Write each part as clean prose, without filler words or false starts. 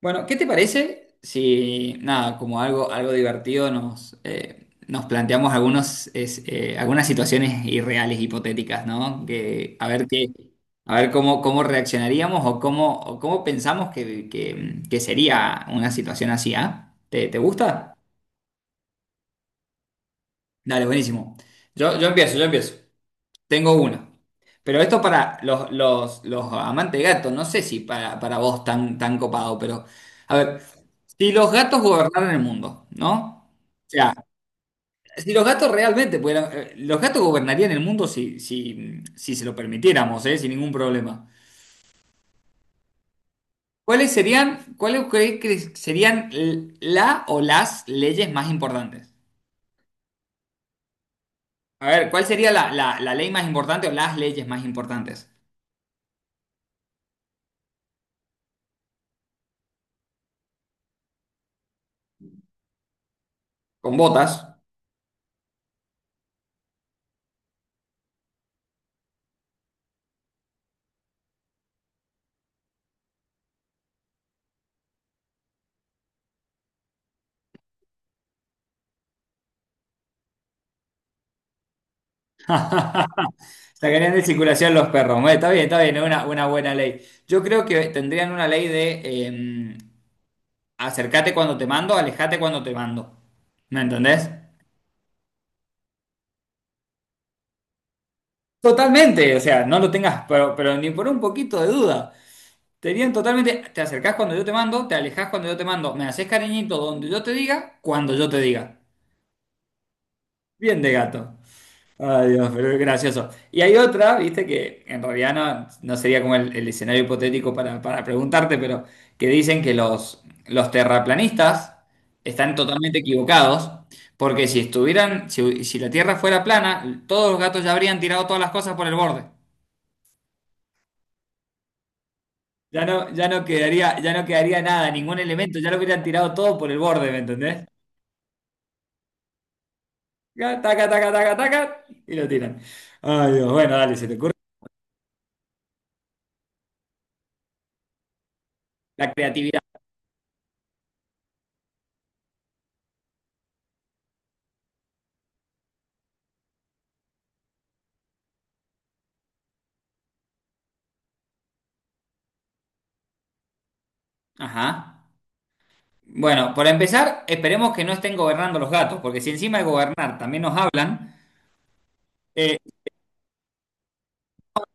Bueno, ¿qué te parece si, nada, como algo, algo divertido nos, nos planteamos algunas situaciones irreales, hipotéticas, ¿no? Que, a ver qué, a ver cómo, cómo reaccionaríamos o cómo pensamos que sería una situación así, ¿ah? Te gusta? Dale, buenísimo. Yo empiezo. Tengo una. Pero esto para los amantes de gato, no sé si para vos tan copado, pero... A ver. Si los gatos gobernaran el mundo, ¿no? O sea, si los gatos realmente pudieran, los gatos gobernarían el mundo si se lo permitiéramos, ¿eh? Sin ningún problema. Cuáles creéis que serían la o las leyes más importantes? A ver, ¿cuál sería la ley más importante o las leyes más importantes? Con botas. Sacarían de circulación los perros. Bueno, está bien, es una buena ley. Yo creo que tendrían una ley de acercate cuando te mando, alejate cuando te mando. ¿Me entendés? Totalmente, o sea, no lo tengas, pero ni por un poquito de duda. Tenían totalmente, te acercás cuando yo te mando, te alejás cuando yo te mando, me haces cariñito donde yo te diga, cuando yo te diga. Bien de gato. Ay, Dios, pero es gracioso. Y hay otra, viste, que en realidad no, no sería como el escenario hipotético para preguntarte, pero que dicen que los terraplanistas están totalmente equivocados, porque si estuvieran, si la Tierra fuera plana, todos los gatos ya habrían tirado todas las cosas por el borde. Ya no, ya no quedaría nada, ningún elemento, ya lo hubieran tirado todo por el borde, ¿me entendés? Ya, Taca, taca, taca, taca, y lo tiran. Ay, Dios, bueno, dale, se te ocurre la creatividad. Ajá. Bueno, para empezar, esperemos que no estén gobernando los gatos, porque si encima de gobernar también nos hablan, eh,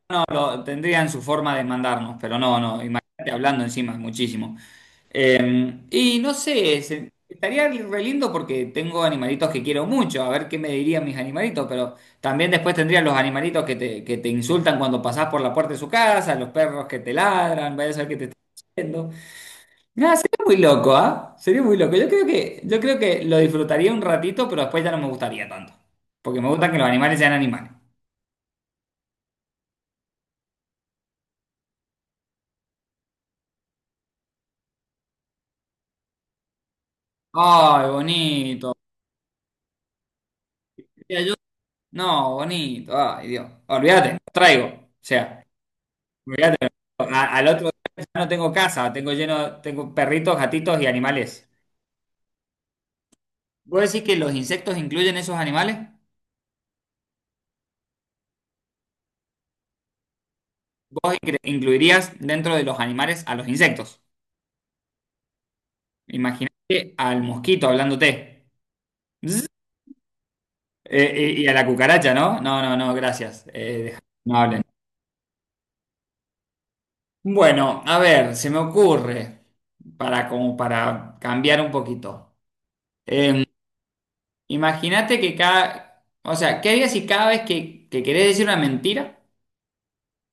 no, tendrían su forma de mandarnos, pero no, no, imagínate hablando encima, muchísimo. Y no sé, estaría re lindo porque tengo animalitos que quiero mucho, a ver qué me dirían mis animalitos, pero también después tendrían los animalitos que te insultan cuando pasás por la puerta de su casa, los perros que te ladran, vaya a saber qué te están diciendo. Nada, sería muy loco, ¿ah? Sería muy loco. Yo creo que lo disfrutaría un ratito, pero después ya no me gustaría tanto, porque me gusta que los animales sean animales. Ay, bonito. Decía yo, no, bonito. Ay, Dios. Olvídate, lo traigo. O sea. Mirá, al otro día ya no tengo casa, tengo lleno, tengo perritos, gatitos y animales. ¿Vos decís que los insectos incluyen esos animales? ¿Vos incluirías dentro de los animales a los insectos? Imagínate al mosquito hablándote. Zzz. Y a la cucaracha, ¿no? No, no, no, gracias. No hablen. Bueno, a ver, se me ocurre, para, como para cambiar un poquito. Em, imagínate que cada, o sea, ¿qué harías si cada vez que querés decir una mentira,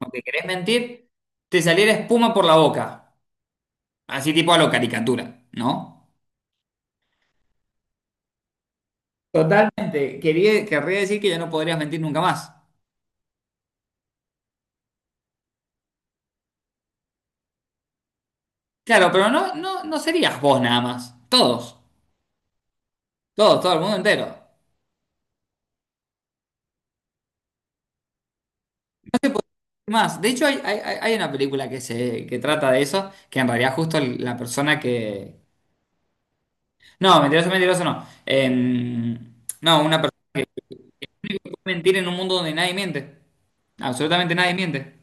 no te querés mentir, te saliera espuma por la boca, así tipo a lo caricatura, ¿no? Totalmente. Quería, querría decir que ya no podrías mentir nunca más. Claro, pero no, no, no serías vos nada más. Todos, todos, todo el mundo entero. No se puede mentir más. De hecho, hay una película que se que trata de eso, que en realidad justo la persona que. No, mentiroso, mentiroso no. Em, no, una persona que puede mentir en un mundo donde nadie miente. Absolutamente nadie miente.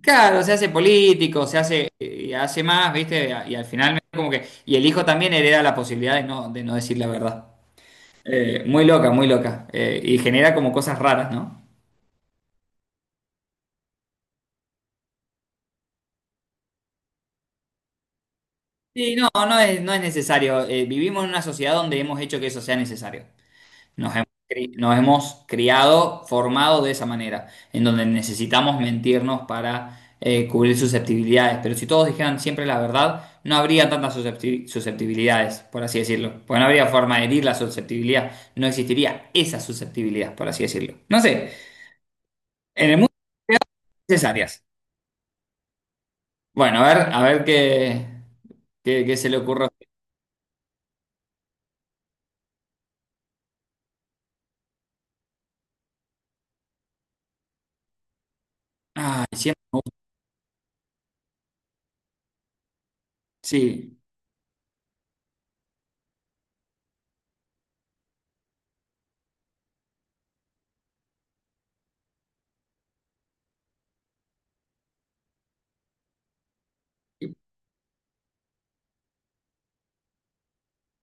Claro, se hace político, se hace, hace más, ¿viste? Y al final como que, y el hijo también hereda la posibilidad de no decir la verdad. Muy loca, muy loca. Y genera como cosas raras, ¿no? Sí, no, no es necesario. Vivimos en una sociedad donde hemos hecho que eso sea necesario. Nos hemos, nos hemos criado, formado de esa manera, en donde necesitamos mentirnos para cubrir susceptibilidades. Pero si todos dijeran siempre la verdad, no habría tantas susceptibilidades, por así decirlo. Porque no habría forma de herir la susceptibilidad. No existiría esa susceptibilidad, por así decirlo. No sé, en el mundo hay necesarias. Bueno, a ver qué, qué se le ocurre. Ay, siempre, me gusta. Sí.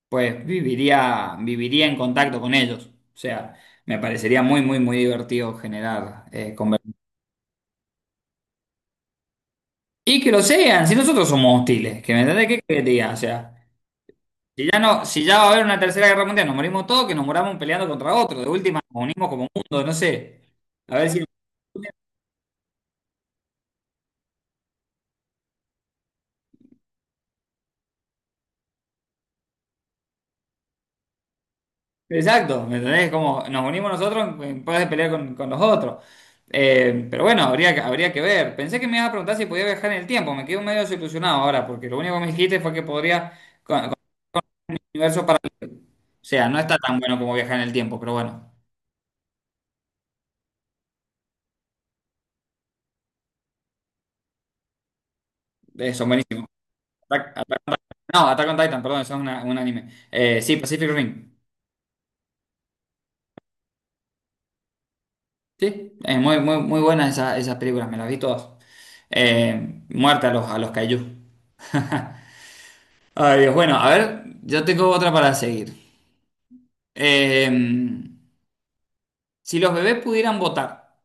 Pues viviría, viviría en contacto con ellos. O sea, me parecería muy, muy, muy divertido generar conver- Y que lo sean, si nosotros somos hostiles, que me entendés qué quería. O sea, si ya no, si ya va a haber una tercera guerra mundial, nos morimos todos, que nos moramos peleando contra otro. De última, nos unimos como mundo, no sé. A ver si. Exacto, ¿me entendés? Como nos unimos nosotros en pos de pelear con los otros. Pero bueno, habría que ver. Pensé que me ibas a preguntar si podía viajar en el tiempo. Me quedo medio desilusionado ahora, porque lo único que me dijiste fue que podría con el universo para... O sea, no está tan bueno como viajar en el tiempo, pero bueno, son buenísimos. Attack- Attack- no, Attack on Titan, perdón, eso es un anime. Sí, Pacific Rim. Sí, es muy, muy, muy buenas esas, esas películas, me las vi todas. Muerta a los kaiju. Ay, Dios, bueno, a ver, yo tengo otra para seguir. Eh, si los bebés pudieran votar,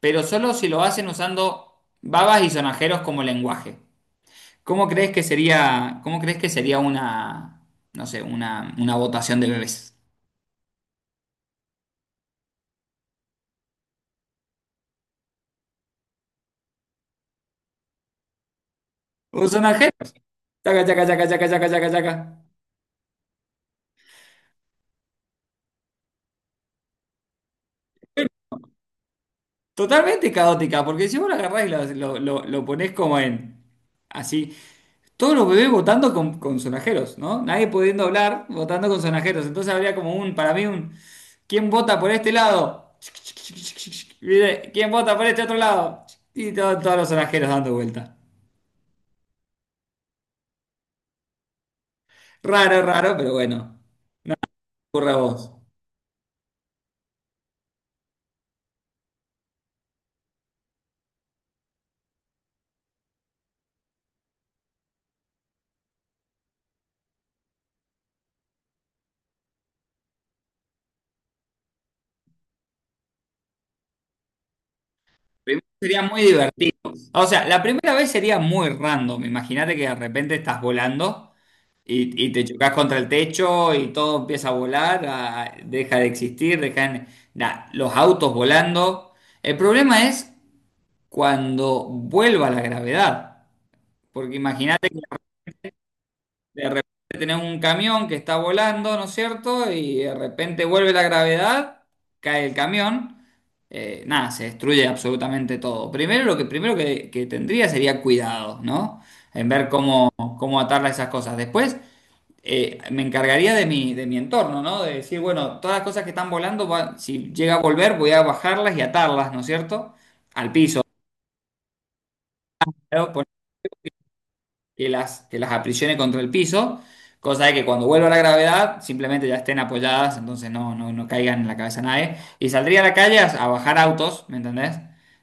pero solo si lo hacen usando babas y sonajeros como lenguaje, ¿cómo crees que sería, cómo crees que sería una, no sé, una votación de bebés? Un sonajero. Chaca, chaca, chaca, chaca, chaca, chaca, chaca. Totalmente caótica, porque si vos lo agarrás y lo, lo ponés como en, así, todos los bebés votando con sonajeros, ¿no? Nadie pudiendo hablar, votando con sonajeros. Entonces habría como un, para mí, un, ¿quién vota por este lado? ¿Viste? ¿Quién vota por este otro lado? Y todos los sonajeros dando vuelta. Raro, raro, pero bueno, ocurre a vos. Primero sería muy divertido. O sea, la primera vez sería muy random. Imagínate que de repente estás volando. Y te chocas contra el techo y todo empieza a volar, deja de existir, dejan nah, los autos volando. El problema es cuando vuelva la gravedad, porque imagínate que de repente tenés un camión que está volando, ¿no es cierto? Y de repente vuelve la gravedad, cae el camión, nada, se destruye absolutamente todo. Primero lo que que tendría sería cuidado, ¿no? En ver cómo, cómo atarla a esas cosas. Después me encargaría de mi entorno, ¿no? De decir, bueno, todas las cosas que están volando, si llega a volver, voy a bajarlas y atarlas, ¿no es cierto? Al piso, ¿no? Por- que las aprisione contra el piso, cosa de que cuando vuelva la gravedad, simplemente ya estén apoyadas, entonces no, no, no caigan en la cabeza a nadie. Y saldría a la calle a bajar autos, ¿me entendés?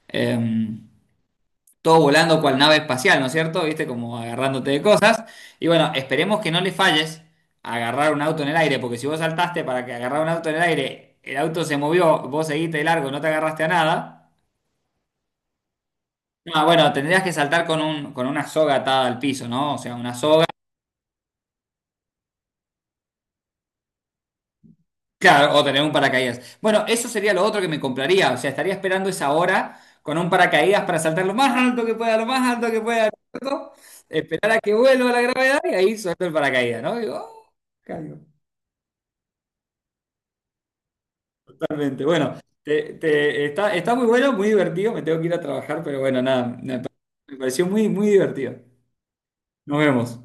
Em, todo volando cual nave espacial, ¿no es cierto? ¿Viste? Como agarrándote de cosas. Y bueno, esperemos que no le falles a agarrar un auto en el aire, porque si vos saltaste para que agarrar un auto en el aire, el auto se movió, vos seguiste de largo, no te agarraste a nada. Ah, bueno, tendrías que saltar con un, con una soga atada al piso, ¿no? O sea, una soga. Claro, o tener un paracaídas. Bueno, eso sería lo otro que me compraría. O sea, estaría esperando esa hora con un paracaídas para saltar lo más alto que pueda, lo más alto que pueda, ¿no? Esperar a que vuelva la gravedad y ahí suelto el paracaídas, ¿no? Digo, "Oh, caigo". Totalmente. Bueno, está, está muy bueno, muy divertido. Me tengo que ir a trabajar, pero bueno, nada, me pareció muy, muy divertido. Nos vemos.